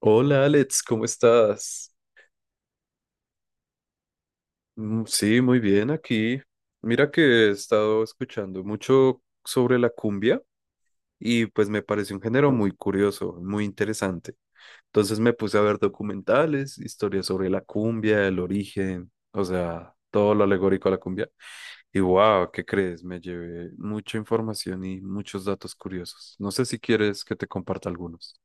Hola Alex, ¿cómo estás? Mm, sí, muy bien aquí. Mira que he estado escuchando mucho sobre la cumbia y pues me parece un género muy curioso, muy interesante. Entonces me puse a ver documentales, historias sobre la cumbia, el origen, o sea, todo lo alegórico a la cumbia. Y wow, ¿qué crees? Me llevé mucha información y muchos datos curiosos. No sé si quieres que te comparta algunos.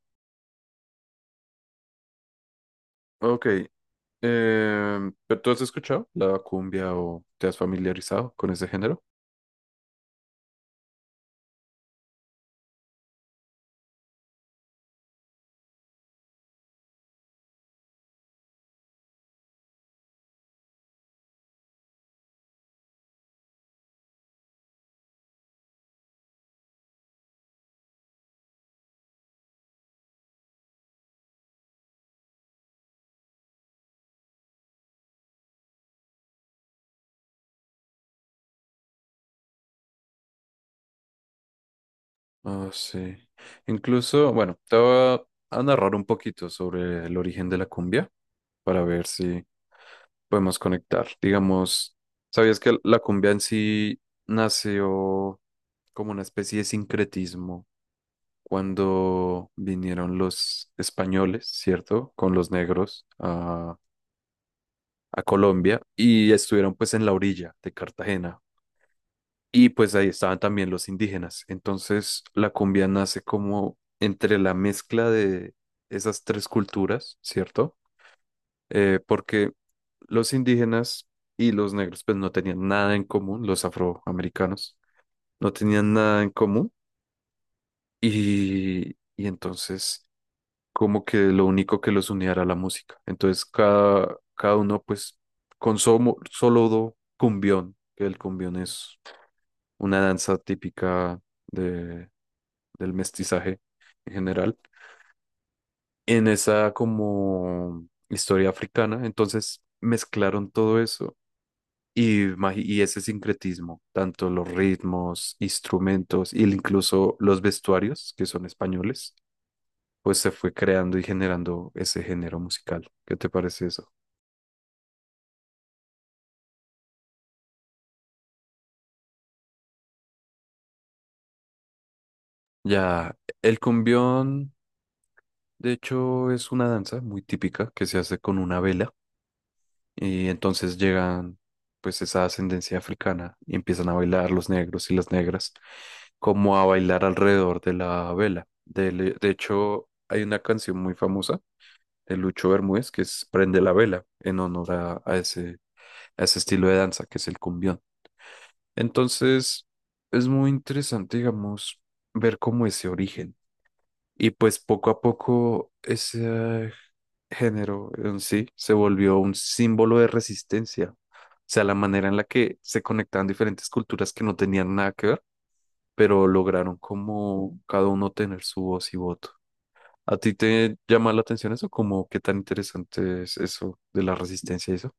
Ok, ¿pero tú has escuchado la cumbia o te has familiarizado con ese género? Ah, sí. Incluso, bueno, te voy a narrar un poquito sobre el origen de la cumbia para ver si podemos conectar. Digamos, ¿sabías que la cumbia en sí nació como una especie de sincretismo cuando vinieron los españoles, ¿cierto? Con los negros a Colombia y estuvieron pues en la orilla de Cartagena. Y pues ahí estaban también los indígenas. Entonces la cumbia nace como entre la mezcla de esas tres culturas, ¿cierto? Porque los indígenas y los negros pues no tenían nada en común, los afroamericanos no tenían nada en común y, y entonces como que lo único que los unía era la música. Entonces cada uno pues con somo- solo do- cumbión, que el cumbión es una danza típica de del mestizaje en general, en esa como historia africana. Entonces mezclaron todo eso y ese sincretismo, tanto los ritmos, instrumentos y incluso los vestuarios, que son españoles, pues se fue creando y generando ese género musical. ¿Qué te parece eso? Ya, el cumbión, de hecho, es una danza muy típica que se hace con una vela. Y entonces llegan pues esa ascendencia africana y empiezan a bailar los negros y las negras, como a bailar alrededor de la vela. De hecho, hay una canción muy famosa de Lucho Bermúdez que es Prende la vela en honor a ese estilo de danza que es el cumbión. Entonces, es muy interesante, digamos, ver cómo ese origen. Y pues poco a poco esa género en sí se volvió un símbolo de resistencia. O sea, la manera en la que se conectaban diferentes culturas que no tenían nada que ver, pero lograron como cada uno tener su voz y voto. ¿A ti te llama la atención eso? ¿Como qué tan interesante es eso de la resistencia y eso?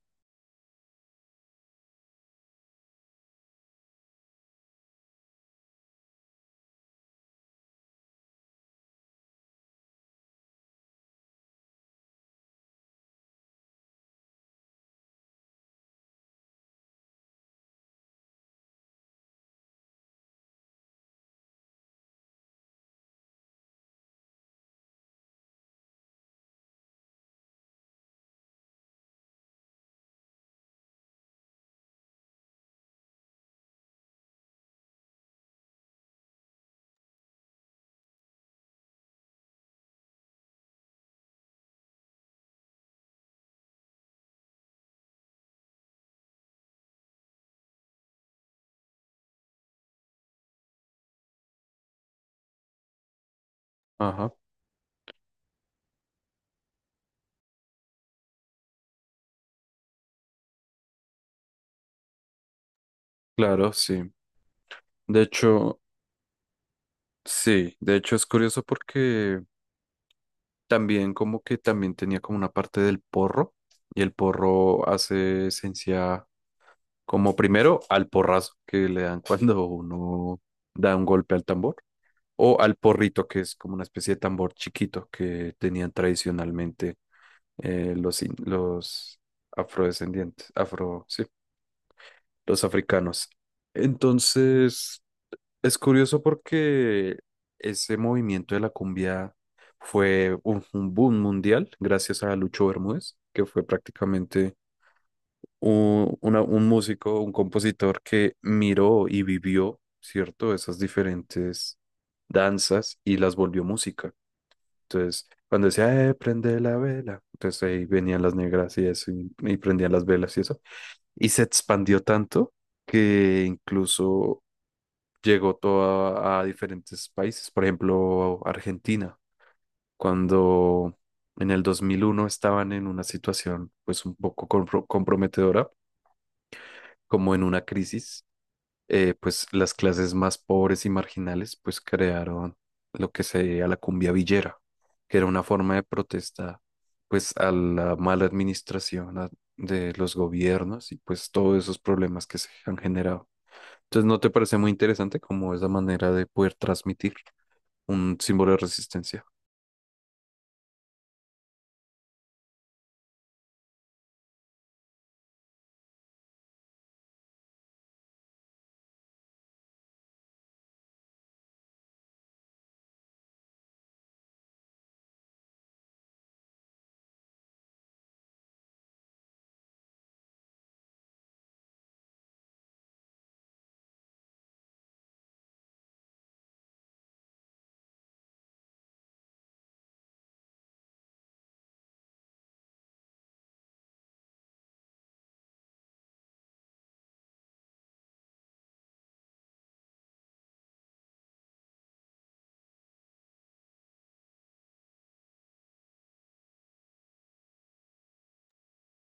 Ajá, claro, sí. De hecho, sí, de hecho es curioso porque también como que también tenía como una parte del porro y el porro hace esencia. Como primero, al porrazo que le dan cuando uno da un golpe al tambor, o al porrito, que es como una especie de tambor chiquito que tenían tradicionalmente los, in- los afrodescendientes, afro, sí, los africanos. Entonces, es curioso porque ese movimiento de la cumbia fue un boom mundial gracias a Lucho Bermúdez, que fue prácticamente un músico, un compositor que miró y vivió, ¿cierto? Esas diferentes danzas y las volvió música. Entonces, cuando decía, prende la vela, entonces ahí venían las negras y eso, y prendían las velas y eso. Y se expandió tanto que incluso llegó toda a diferentes países, por ejemplo, Argentina, cuando... En el 2001 estaban en una situación pues un poco compro- comprometedora, como en una crisis, pues las clases más pobres y marginales pues crearon lo que se sería la cumbia villera, que era una forma de protesta pues a la mala administración de los gobiernos y pues todos esos problemas que se han generado. Entonces, ¿no te parece muy interesante como es la manera de poder transmitir un símbolo de resistencia?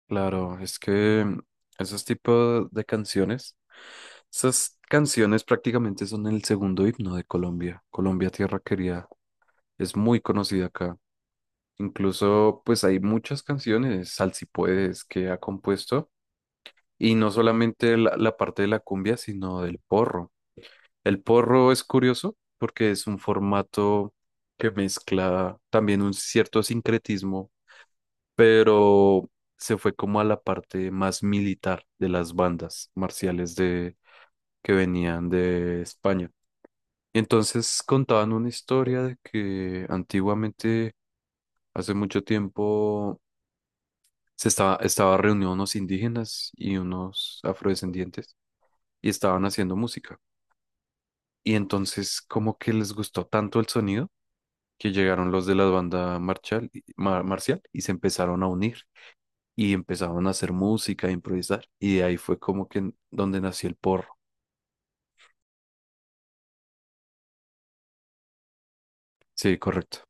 Claro, es que esos tipos de canciones, esas canciones prácticamente son el segundo himno de Colombia. Colombia, tierra querida. Es muy conocida acá. Incluso, pues hay muchas canciones, Sal si puedes, que ha compuesto. Y no solamente la parte de la cumbia, sino del porro. El porro es curioso porque es un formato que mezcla también un cierto sincretismo, pero se fue como a la parte más militar de las bandas marciales de, que venían de España. Y entonces contaban una historia de que antiguamente, hace mucho tiempo, se estaba reunido unos indígenas y unos afrodescendientes y estaban haciendo música. Y entonces como que les gustó tanto el sonido que llegaron los de la banda marcial, marcial y se empezaron a unir y empezaron a hacer música, a improvisar. Y de ahí fue como que donde nació el porro. Sí, correcto.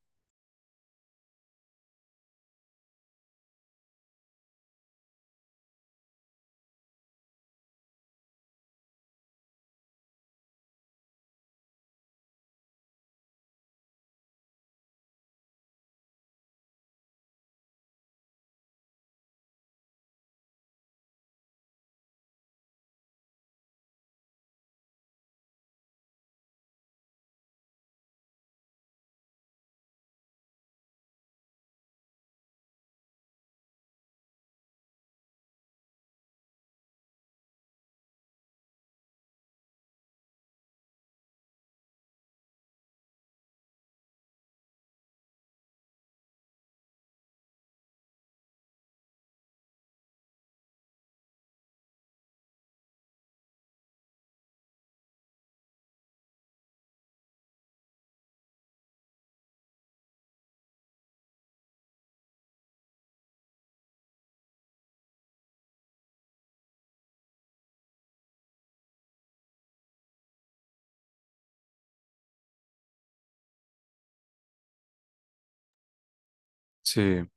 Sí,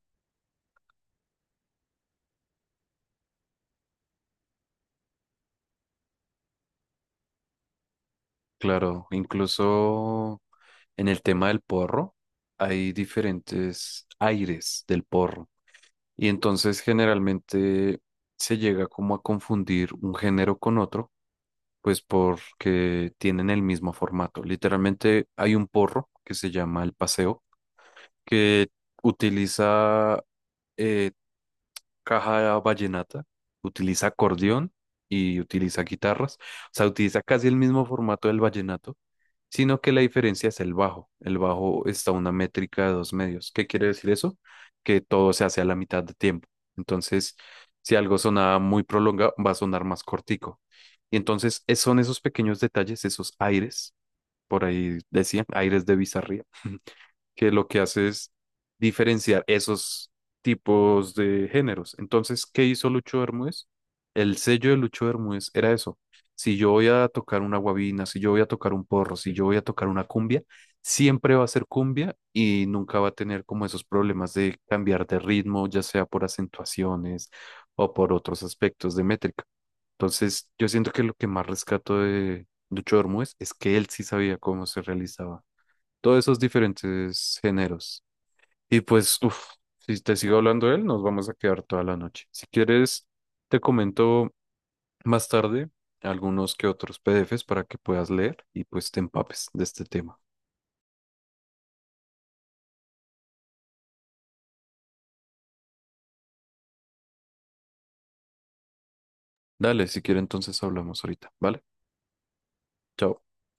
claro. Incluso en el tema del porro hay diferentes aires del porro. Y entonces generalmente se llega como a confundir un género con otro, pues porque tienen el mismo formato. Literalmente hay un porro que se llama el paseo, que utiliza eh, caja vallenata, utiliza acordeón y utiliza guitarras. O sea, utiliza casi el mismo formato del vallenato sino que la diferencia es el bajo. El bajo está a una métrica de dos medios. ¿Qué quiere decir eso? Que todo se hace a la mitad de tiempo. Entonces, si algo sonaba muy prolongado, va a sonar más cortico. Y entonces son esos pequeños detalles, esos aires, por ahí decían, aires de bizarría, que lo que hace es diferenciar esos tipos de géneros. Entonces, ¿qué hizo Lucho Bermúdez? El sello de Lucho Bermúdez era eso. Si yo voy a tocar una guabina, si yo voy a tocar un porro, si yo voy a tocar una cumbia, siempre va a ser cumbia y nunca va a tener como esos problemas de cambiar de ritmo, ya sea por acentuaciones o por otros aspectos de métrica. Entonces, yo siento que lo que más rescato de Lucho Bermúdez es que él sí sabía cómo se realizaba todos esos diferentes géneros. Y pues, uff, si te sigo hablando de él, nos vamos a quedar toda la noche. Si quieres, te comento más tarde algunos que otros PDFs para que puedas leer y pues te empapes de este tema. Dale, si quieres, entonces hablamos ahorita, ¿vale? Chao.